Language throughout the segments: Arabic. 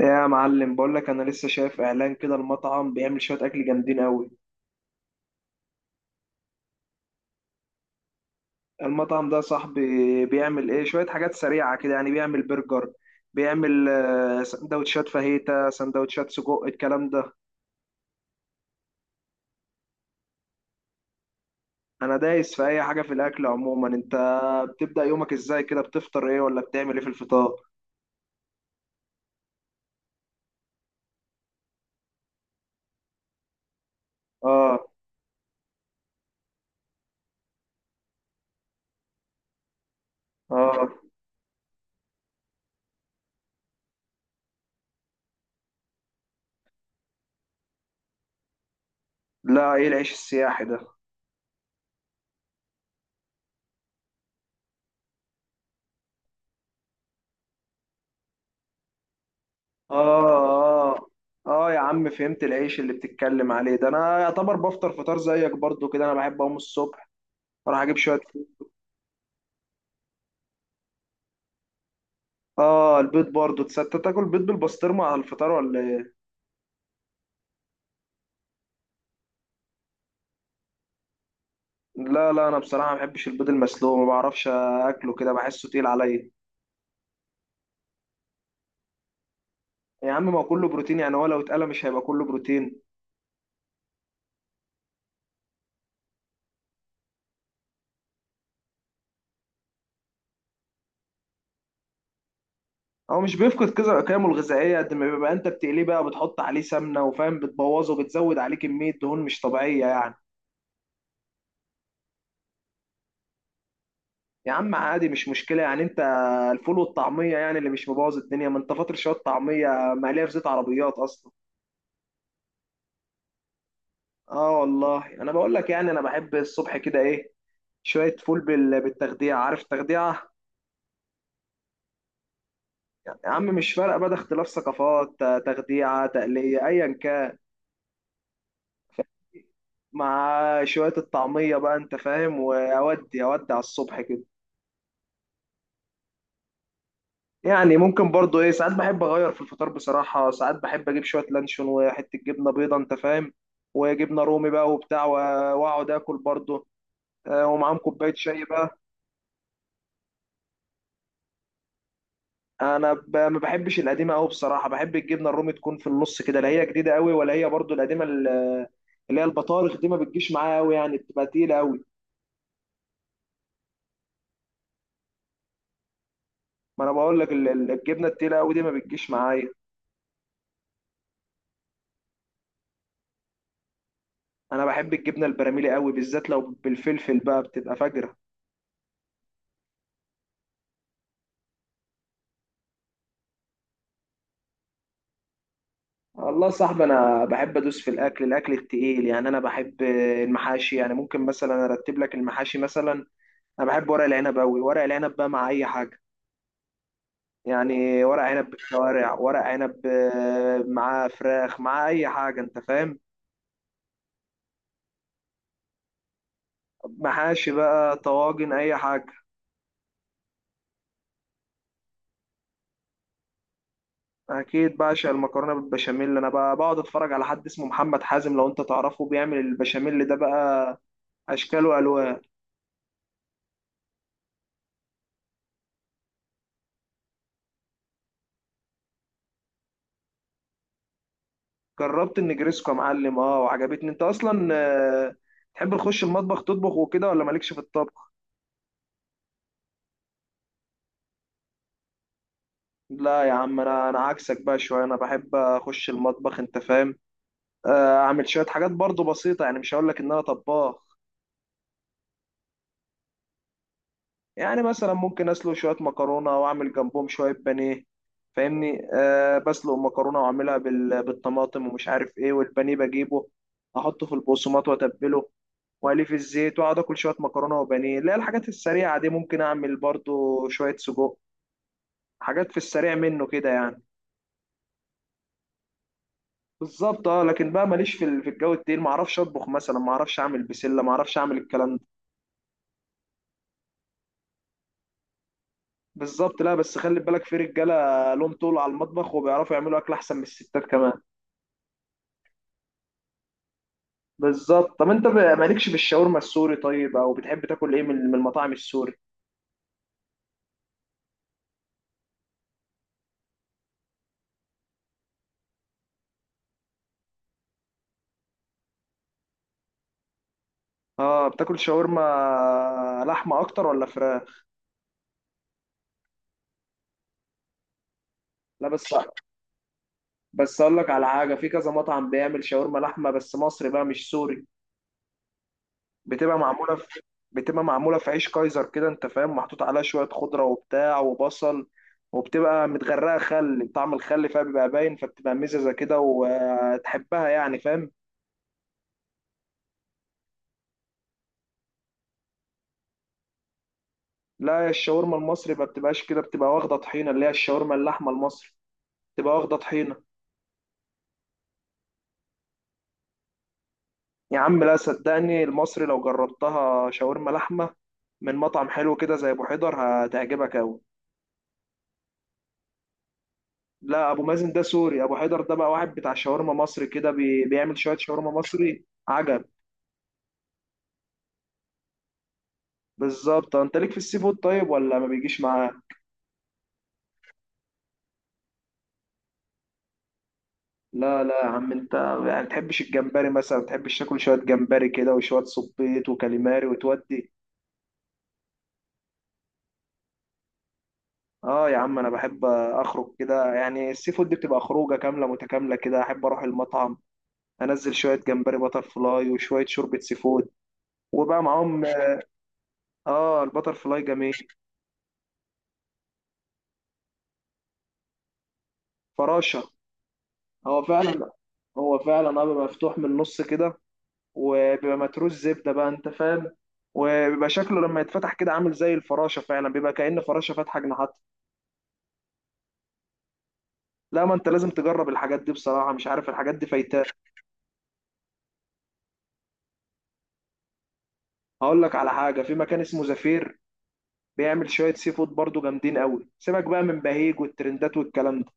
يا معلم، بقول لك انا لسه شايف اعلان كده، المطعم بيعمل شويه اكل جامدين قوي. المطعم ده صاحبي بيعمل ايه، شويه حاجات سريعه كده يعني، بيعمل برجر، بيعمل سندوتشات فاهيتا، سندوتشات سجق، الكلام ده. انا دايس في اي حاجه في الاكل عموما. انت بتبدا يومك ازاي كده، بتفطر ايه ولا بتعمل ايه في الفطار؟ اه، اه. لا، ايه العيش السياحي ده؟ اه، اه. اه يا عم، فهمت العيش اللي بتتكلم عليه ده. انا يعتبر بفطر فطار زيك برضو كده، انا بحب اقوم الصبح اروح اجيب شويه فول. اه، البيض برضو. تصدق تاكل بيض بالبسطرمه على الفطار ولا ايه؟ لا لا، انا بصراحه ما بحبش البيض المسلوق، ما بعرفش اكله كده، بحسه تقيل عليا. يا عم، ما هو كله بروتين يعني، هو لو اتقلى مش هيبقى كله بروتين؟ هو مش بيفقد كذا قيمه الغذائيه قد ما بيبقى انت بتقليه بقى، بتحط عليه سمنه وفاهم، بتبوظه وبتزود عليه كميه دهون مش طبيعيه يعني. يا عم عادي، مش مشكله يعني. انت الفول والطعميه يعني اللي مش مبوظ الدنيا؟ ما انت فاطر شويه طعميه مقليه في زيت عربيات اصلا. اه والله، انا بقول لك يعني، انا بحب الصبح كده ايه، شوية فول بالتخديعة. عارف تخديعة؟ يا عم مش فارقة بقى، ده اختلاف ثقافات، تخديعة تقلية أيا كان. مع شوية الطعمية بقى أنت فاهم، وأودي أودي على الصبح كده. يعني ممكن برضو إيه، ساعات بحب أغير في الفطار بصراحة، ساعات بحب أجيب شوية لانشون وحتة جبنة بيضة أنت فاهم، وجبنة رومي بقى وبتاع وأقعد آكل برضو. ومعاهم كوباية شاي بقى. انا ما بحبش القديمه قوي بصراحه، بحب الجبنه الرومي تكون في النص كده، لا هي جديده قوي ولا هي برضو القديمه اللي هي البطارخ دي. ما بتجيش معايا قوي يعني، بتبقى تقيله قوي. ما انا بقول لك الجبنه التقيله قوي دي ما بتجيش معايا. انا بحب الجبنه البراميلي قوي، بالذات لو بالفلفل بقى بتبقى فجره. والله يا صاحبي، انا بحب ادوس في الاكل التقيل يعني. انا بحب المحاشي يعني، ممكن مثلا ارتب لك المحاشي مثلا. انا بحب ورق العنب قوي، ورق العنب بقى مع اي حاجه. يعني ورق عنب بالشوارع، ورق عنب معاه فراخ، معاه اي حاجه، انت فاهم. محاشي بقى، طواجن، اي حاجه. اكيد بعشق المكرونه بالبشاميل. انا بقى بقعد اتفرج على حد اسمه محمد حازم، لو انت تعرفه، بيعمل البشاميل ده بقى اشكال والوان. جربت النجريسكو يا معلم، اه وعجبتني. انت اصلا تحب تخش المطبخ تطبخ وكده ولا مالكش في الطبخ؟ لا يا عم، انا عكسك بقى شويه، انا بحب اخش المطبخ انت فاهم. اعمل شويه حاجات برضو بسيطه يعني، مش هقول لك ان انا طباخ. يعني مثلا ممكن اسلق شويه مكرونه واعمل جنبهم شويه بانيه، فاهمني. بسلق مكرونه واعملها بالطماطم ومش عارف ايه، والبانيه بجيبه احطه في البقسماط واتبله واقليه في الزيت، واقعد اكل شويه مكرونه وبانيه، اللي هي الحاجات السريعه دي. ممكن اعمل برضو شويه سجق، حاجات في السريع منه كده يعني. بالظبط اه، لكن بقى ماليش في في الجو التقيل، ما اعرفش اطبخ مثلا، ما اعرفش اعمل بسله، ما اعرفش اعمل الكلام ده. بالظبط. لا بس خلي بالك، في رجاله لهم طول على المطبخ وبيعرفوا يعملوا اكل احسن من الستات كمان. بالظبط. طب انت مالكش في الشاورما السوري طيب، او بتحب تاكل ايه من المطاعم السوري؟ اه، بتاكل شاورما لحمه اكتر ولا فراخ؟ لا بس اقول لك على حاجه، في كذا مطعم بيعمل شاورما لحمه بس مصري بقى مش سوري. بتبقى معموله في بتبقى معموله في عيش كايزر كده انت فاهم، محطوط عليها شويه خضره وبتاع وبصل، وبتبقى متغرقه خل، طعم الخل فيها بيبقى باين، فبتبقى مززه كده وتحبها يعني، فاهم. لا الشاورما المصري ما بتبقاش كده، بتبقى واخده طحينه، اللي هي الشاورما اللحمه المصري بتبقى واخده طحينه. يا عم لا، صدقني المصري لو جربتها شاورما لحمه من مطعم حلو كده زي ابو حيدر، هتعجبك قوي. لا، ابو مازن ده سوري، ابو حيدر ده بقى واحد بتاع شاورما مصري كده بيعمل شويه شاورما مصري عجب. بالظبط. انت ليك في السي فود طيب، ولا ما بيجيش معاه؟ لا لا يا عم انت، يعني تحبش الجمبري مثلا، تحبش تاكل شويه جمبري كده وشويه صبيط وكاليماري وتودي؟ اه يا عم، انا بحب اخرج كده يعني، السي فود دي بتبقى خروجه كامله متكامله كده، احب اروح المطعم انزل شويه جمبري بتر فلاي وشويه شوربه سي فود، وبقى معاهم. اه، البتر فلاي جميل. فراشه. هو فعلا هو فعلا اه، بيبقى مفتوح من النص كده، وبيبقى متروس زبده بقى انت فاهم، وبيبقى شكله لما يتفتح كده عامل زي الفراشه فعلا، بيبقى كأن فراشه فاتحه جناحات. لا، ما انت لازم تجرب الحاجات دي بصراحه، مش عارف الحاجات دي فايتاه. هقول لك على حاجه، في مكان اسمه زفير بيعمل شويه سي فود برضه جامدين قوي، سيبك بقى من بهيج والترندات والكلام ده.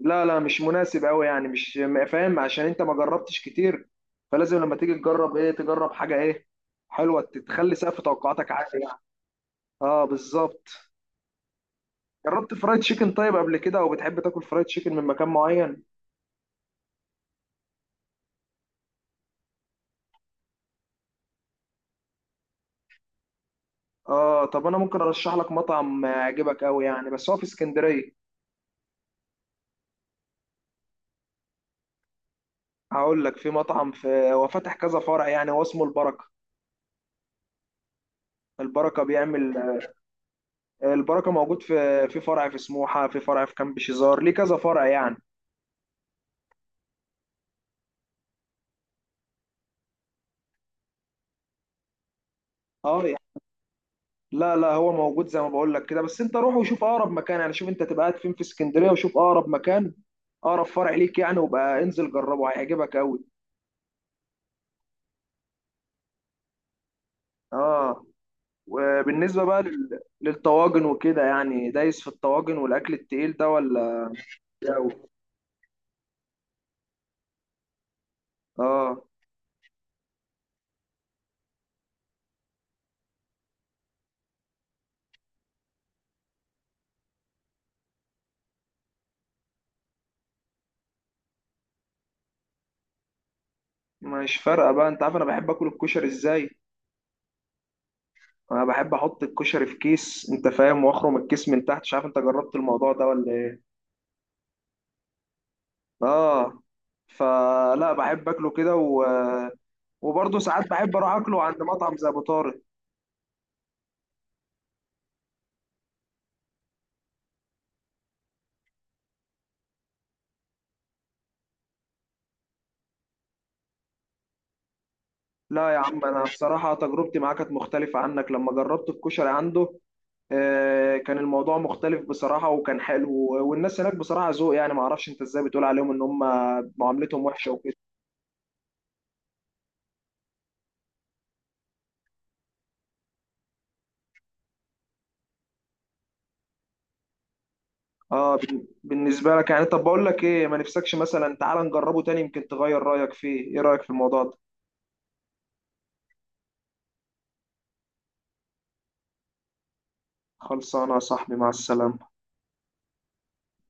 لا لا مش مناسب قوي يعني، مش فاهم، عشان انت ما جربتش كتير، فلازم لما تيجي تجرب ايه تجرب حاجه ايه حلوه، تخلي سقف توقعاتك عالي يعني. اه بالظبط. جربت فرايد تشيكن طيب قبل كده، او بتحب تاكل فرايد تشيكن من مكان معين؟ اه، طب انا ممكن ارشح لك مطعم يعجبك قوي يعني، بس هو في اسكندريه. هقول لك، في مطعم هو فاتح كذا فرع يعني، هو اسمه البركه. البركه بيعمل. البركه موجود في فرع في سموحه، في فرع في كامب شيزار، ليه كذا فرع يعني. اه يعني. لا لا، هو موجود زي ما بقول لك كده، بس انت روح وشوف اقرب مكان يعني، شوف انت تبقى قاعد فين في اسكندريه وشوف اقرب مكان، اقرب فرع ليك يعني، وبقى انزل جربه هيعجبك قوي. اه. وبالنسبة بقى للطواجن وكده يعني، دايس في الطواجن والأكل التقيل ده ولا؟ أوي. اه مش فارقة بقى، أنت عارف أنا بحب آكل الكشري إزاي؟ أنا بحب أحط الكشري في كيس أنت فاهم، وأخرم الكيس من تحت، مش عارف أنت جربت الموضوع ده ولا إيه؟ اه. فلا بحب أكله كده وبرضه ساعات بحب أروح أكله عند مطعم زي أبو طارق. لا يا عم، أنا بصراحة تجربتي معاه كانت مختلفة عنك، لما جربت الكشري عنده كان الموضوع مختلف بصراحة وكان حلو، والناس هناك بصراحة ذوق يعني، ما اعرفش انت ازاي بتقول عليهم ان هم معاملتهم وحشة وكده. اه، بالنسبة لك يعني. طب بقول لك ايه، ما نفسكش مثلا تعال نجربه تاني، يمكن تغير رأيك فيه، ايه رأيك في الموضوع ده؟ خلصانة يا صاحبي، مع السلامة.